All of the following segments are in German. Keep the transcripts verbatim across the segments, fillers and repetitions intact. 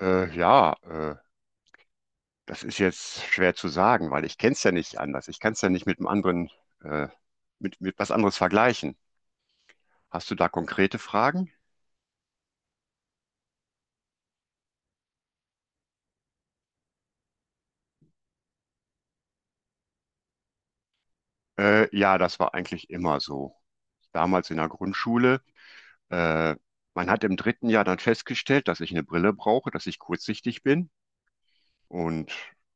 Äh, ja, äh, Das ist jetzt schwer zu sagen, weil ich kenne es ja nicht anders. Ich kann es ja nicht mit einem anderen, äh, mit, mit was anderes vergleichen. Hast du da konkrete Fragen? Äh, ja, das war eigentlich immer so. Damals in der Grundschule, äh, man hat im dritten Jahr dann festgestellt, dass ich eine Brille brauche, dass ich kurzsichtig bin. Und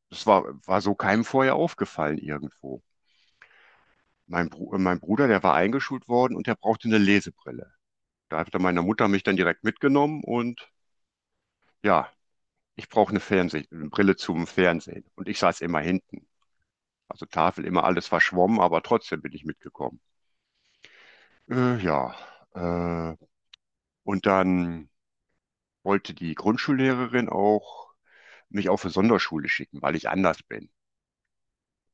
das war, war so keinem vorher aufgefallen irgendwo. Mein, Bru äh, mein Bruder, der war eingeschult worden und der brauchte eine Lesebrille. Da hatte meine Mutter mich dann direkt mitgenommen und ja, ich brauche eine Fernseh eine Brille zum Fernsehen. Und ich saß immer hinten. Also Tafel immer alles verschwommen, aber trotzdem bin ich mitgekommen. Äh, ja, äh, und dann wollte die Grundschullehrerin auch mich auf eine Sonderschule schicken, weil ich anders bin.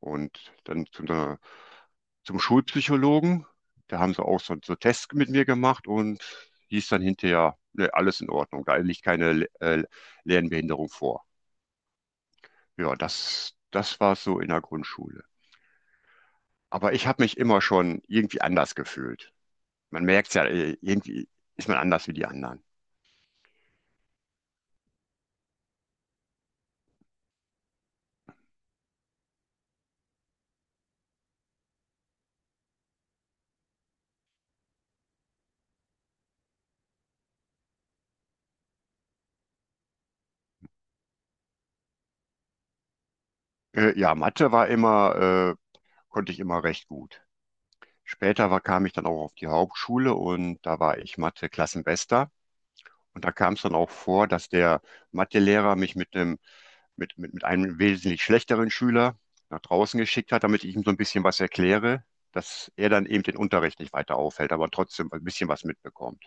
Und dann zu einer, zum Schulpsychologen, da haben sie auch so, so Tests mit mir gemacht und hieß dann hinterher, ne, alles in Ordnung, da liegt keine äh, Lernbehinderung vor. Ja, das, das war so in der Grundschule. Aber ich habe mich immer schon irgendwie anders gefühlt. Man merkt's ja, äh, irgendwie ist man anders wie die anderen. Äh, ja, Mathe war immer, äh, konnte ich immer recht gut. Später war, kam ich dann auch auf die Hauptschule und da war ich Mathe-Klassenbester. Und da kam es dann auch vor, dass der Mathelehrer mich mit einem, mit, mit, mit einem wesentlich schlechteren Schüler nach draußen geschickt hat, damit ich ihm so ein bisschen was erkläre, dass er dann eben den Unterricht nicht weiter aufhält, aber trotzdem ein bisschen was mitbekommt.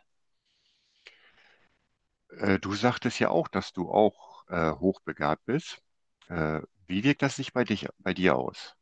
Äh, du sagtest ja auch, dass du auch äh, hochbegabt bist. Äh, Wie wirkt das sich bei dich, bei dir aus?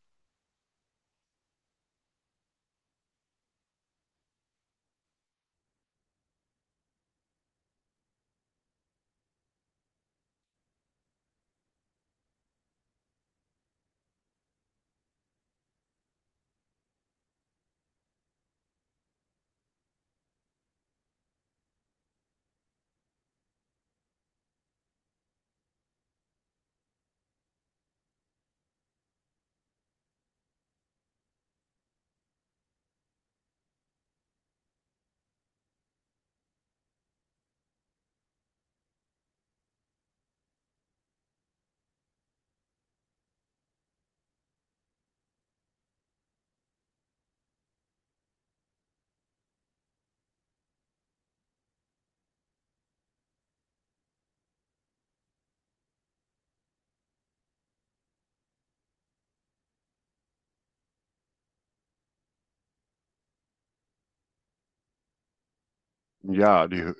Ja, die,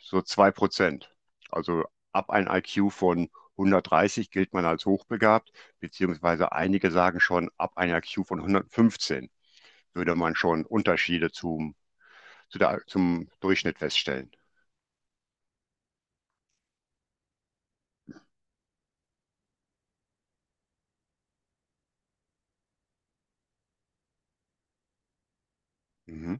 so zwei Prozent. Also ab einem I Q von hundertdreißig gilt man als hochbegabt, beziehungsweise einige sagen schon, ab einem I Q von hundertfünfzehn würde man schon Unterschiede zum, zu der, zum Durchschnitt feststellen. Mhm.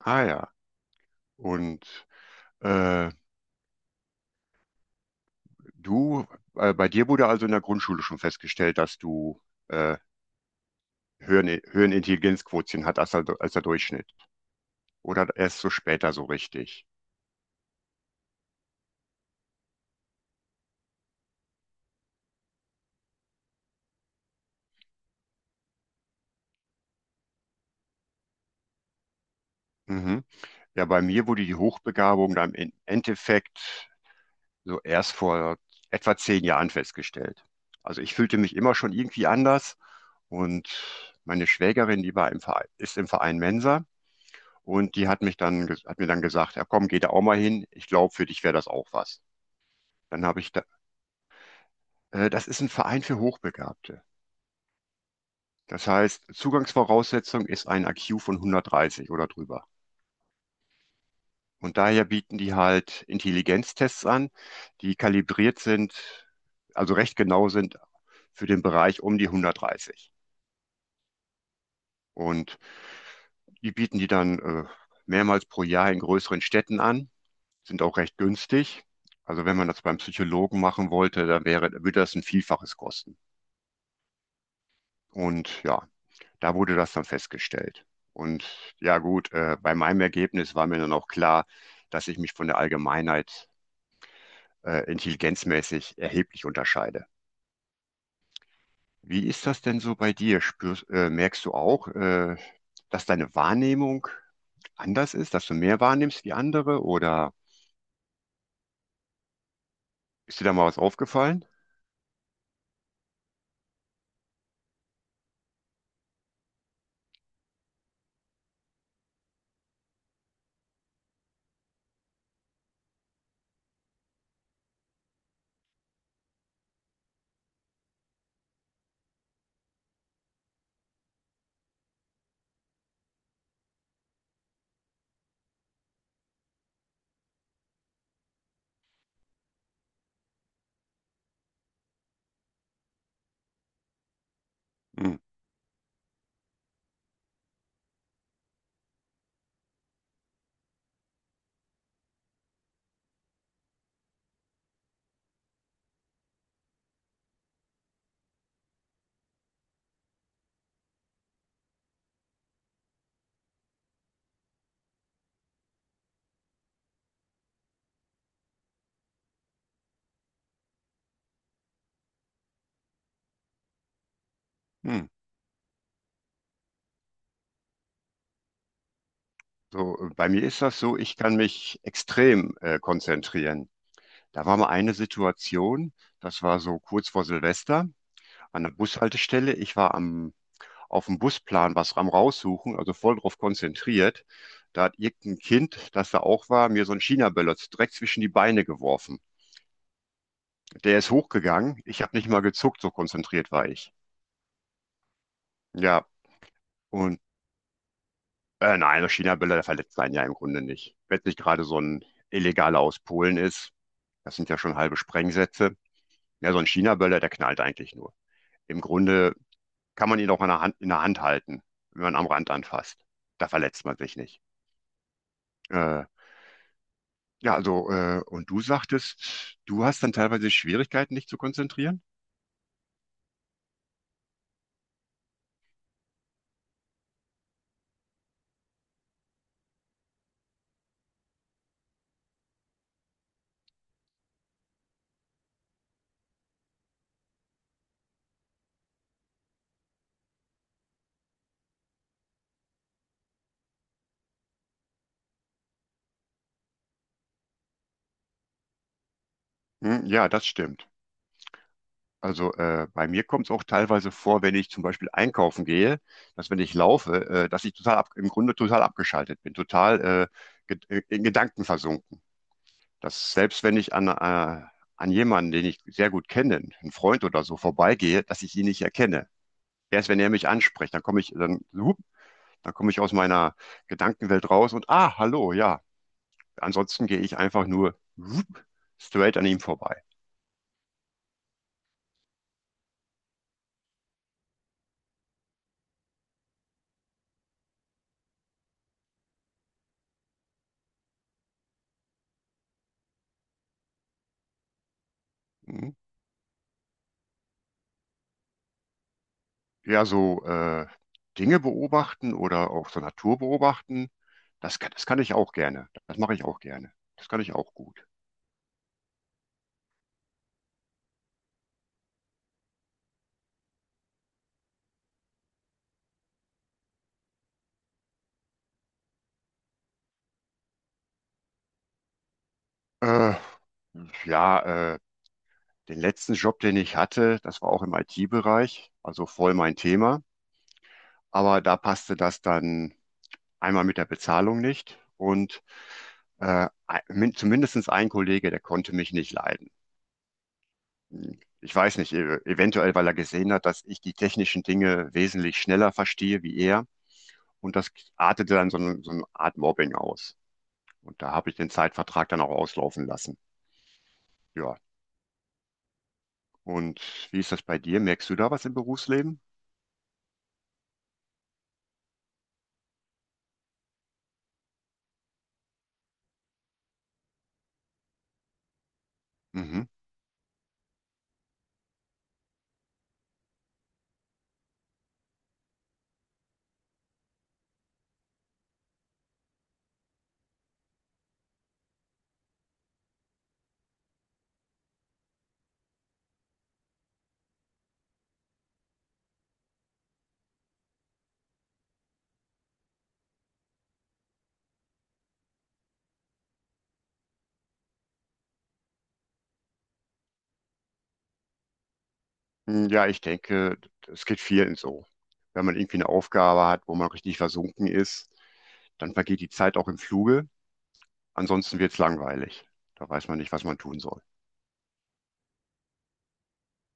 Ah ja. Und äh, du, äh, bei dir wurde also in der Grundschule schon festgestellt, dass du äh, höheren, höheren Intelligenzquotient hat als der, als der Durchschnitt. Oder erst so später so richtig. Mhm. Ja, bei mir wurde die Hochbegabung dann im Endeffekt so erst vor etwa zehn Jahren festgestellt. Also ich fühlte mich immer schon irgendwie anders und meine Schwägerin, die war im Verein, ist im Verein Mensa und die hat mich dann, ge- hat mir dann gesagt, ja komm, geh da auch mal hin, ich glaube, für dich wäre das auch was. Dann habe ich da, äh, Das ist ein Verein für Hochbegabte. Das heißt, Zugangsvoraussetzung ist ein I Q von hundertdreißig oder drüber. Und daher bieten die halt Intelligenztests an, die kalibriert sind, also recht genau sind für den Bereich um die hundertdreißig. Und die bieten die dann äh, mehrmals pro Jahr in größeren Städten an, sind auch recht günstig. Also wenn man das beim Psychologen machen wollte, dann wäre, würde das ein Vielfaches kosten. Und ja, da wurde das dann festgestellt. Und ja gut, äh, bei meinem Ergebnis war mir dann auch klar, dass ich mich von der Allgemeinheit äh, intelligenzmäßig erheblich unterscheide. Wie ist das denn so bei dir? Spürst, äh, merkst du auch, äh, dass deine Wahrnehmung anders ist, dass du mehr wahrnimmst wie andere oder ist dir da mal was aufgefallen? Hm. Hm. So, äh, bei mir ist das so, ich kann mich extrem äh, konzentrieren. Da war mal eine Situation, das war so kurz vor Silvester an der Bushaltestelle. Ich war am, auf dem Busplan was am raussuchen, also voll drauf konzentriert. Da hat irgendein Kind, das da auch war, mir so ein China-Böller direkt zwischen die Beine geworfen. Der ist hochgegangen. Ich habe nicht mal gezuckt, so konzentriert war ich. Ja, und äh, nein, der China-Böller, der verletzt einen ja im Grunde nicht. Wenn es nicht gerade so ein illegaler aus Polen ist, das sind ja schon halbe Sprengsätze. Ja, so ein China-Böller, der knallt eigentlich nur. Im Grunde kann man ihn auch in der Hand, in der Hand halten, wenn man am Rand anfasst. Da verletzt man sich nicht. Äh, ja, also, äh, und du sagtest, du hast dann teilweise Schwierigkeiten, dich zu konzentrieren? Hm, ja, das stimmt. Also äh, bei mir kommt es auch teilweise vor, wenn ich zum Beispiel einkaufen gehe, dass wenn ich laufe, äh, dass ich total ab, im Grunde total abgeschaltet bin, total äh, ged- äh, in Gedanken versunken. Dass selbst wenn ich an, äh, an jemanden, den ich sehr gut kenne, einen Freund oder so, vorbeigehe, dass ich ihn nicht erkenne. Erst wenn er mich anspricht, dann komme ich, dann, hup, dann komme ich aus meiner Gedankenwelt raus und ah, hallo, ja. Ansonsten gehe ich einfach nur hup, straight an ihm vorbei. Mhm. Ja, so äh, Dinge beobachten oder auch so Natur beobachten, das kann, das kann ich auch gerne. Das mache ich auch gerne. Das kann ich auch gut. Äh, ja, äh, Den letzten Job, den ich hatte, das war auch im I T-Bereich, also voll mein Thema. Aber da passte das dann einmal mit der Bezahlung nicht und äh, min- zumindest ein Kollege, der konnte mich nicht leiden. Ich weiß nicht, e- eventuell, weil er gesehen hat, dass ich die technischen Dinge wesentlich schneller verstehe wie er. Und das artete dann so eine, so eine Art Mobbing aus. Und da habe ich den Zeitvertrag dann auch auslaufen lassen. Ja. Und wie ist das bei dir? Merkst du da was im Berufsleben? Mhm. Ja, ich denke, es geht vielen so. Wenn man irgendwie eine Aufgabe hat, wo man richtig versunken ist, dann vergeht die Zeit auch im Fluge. Ansonsten wird es langweilig. Da weiß man nicht, was man tun soll.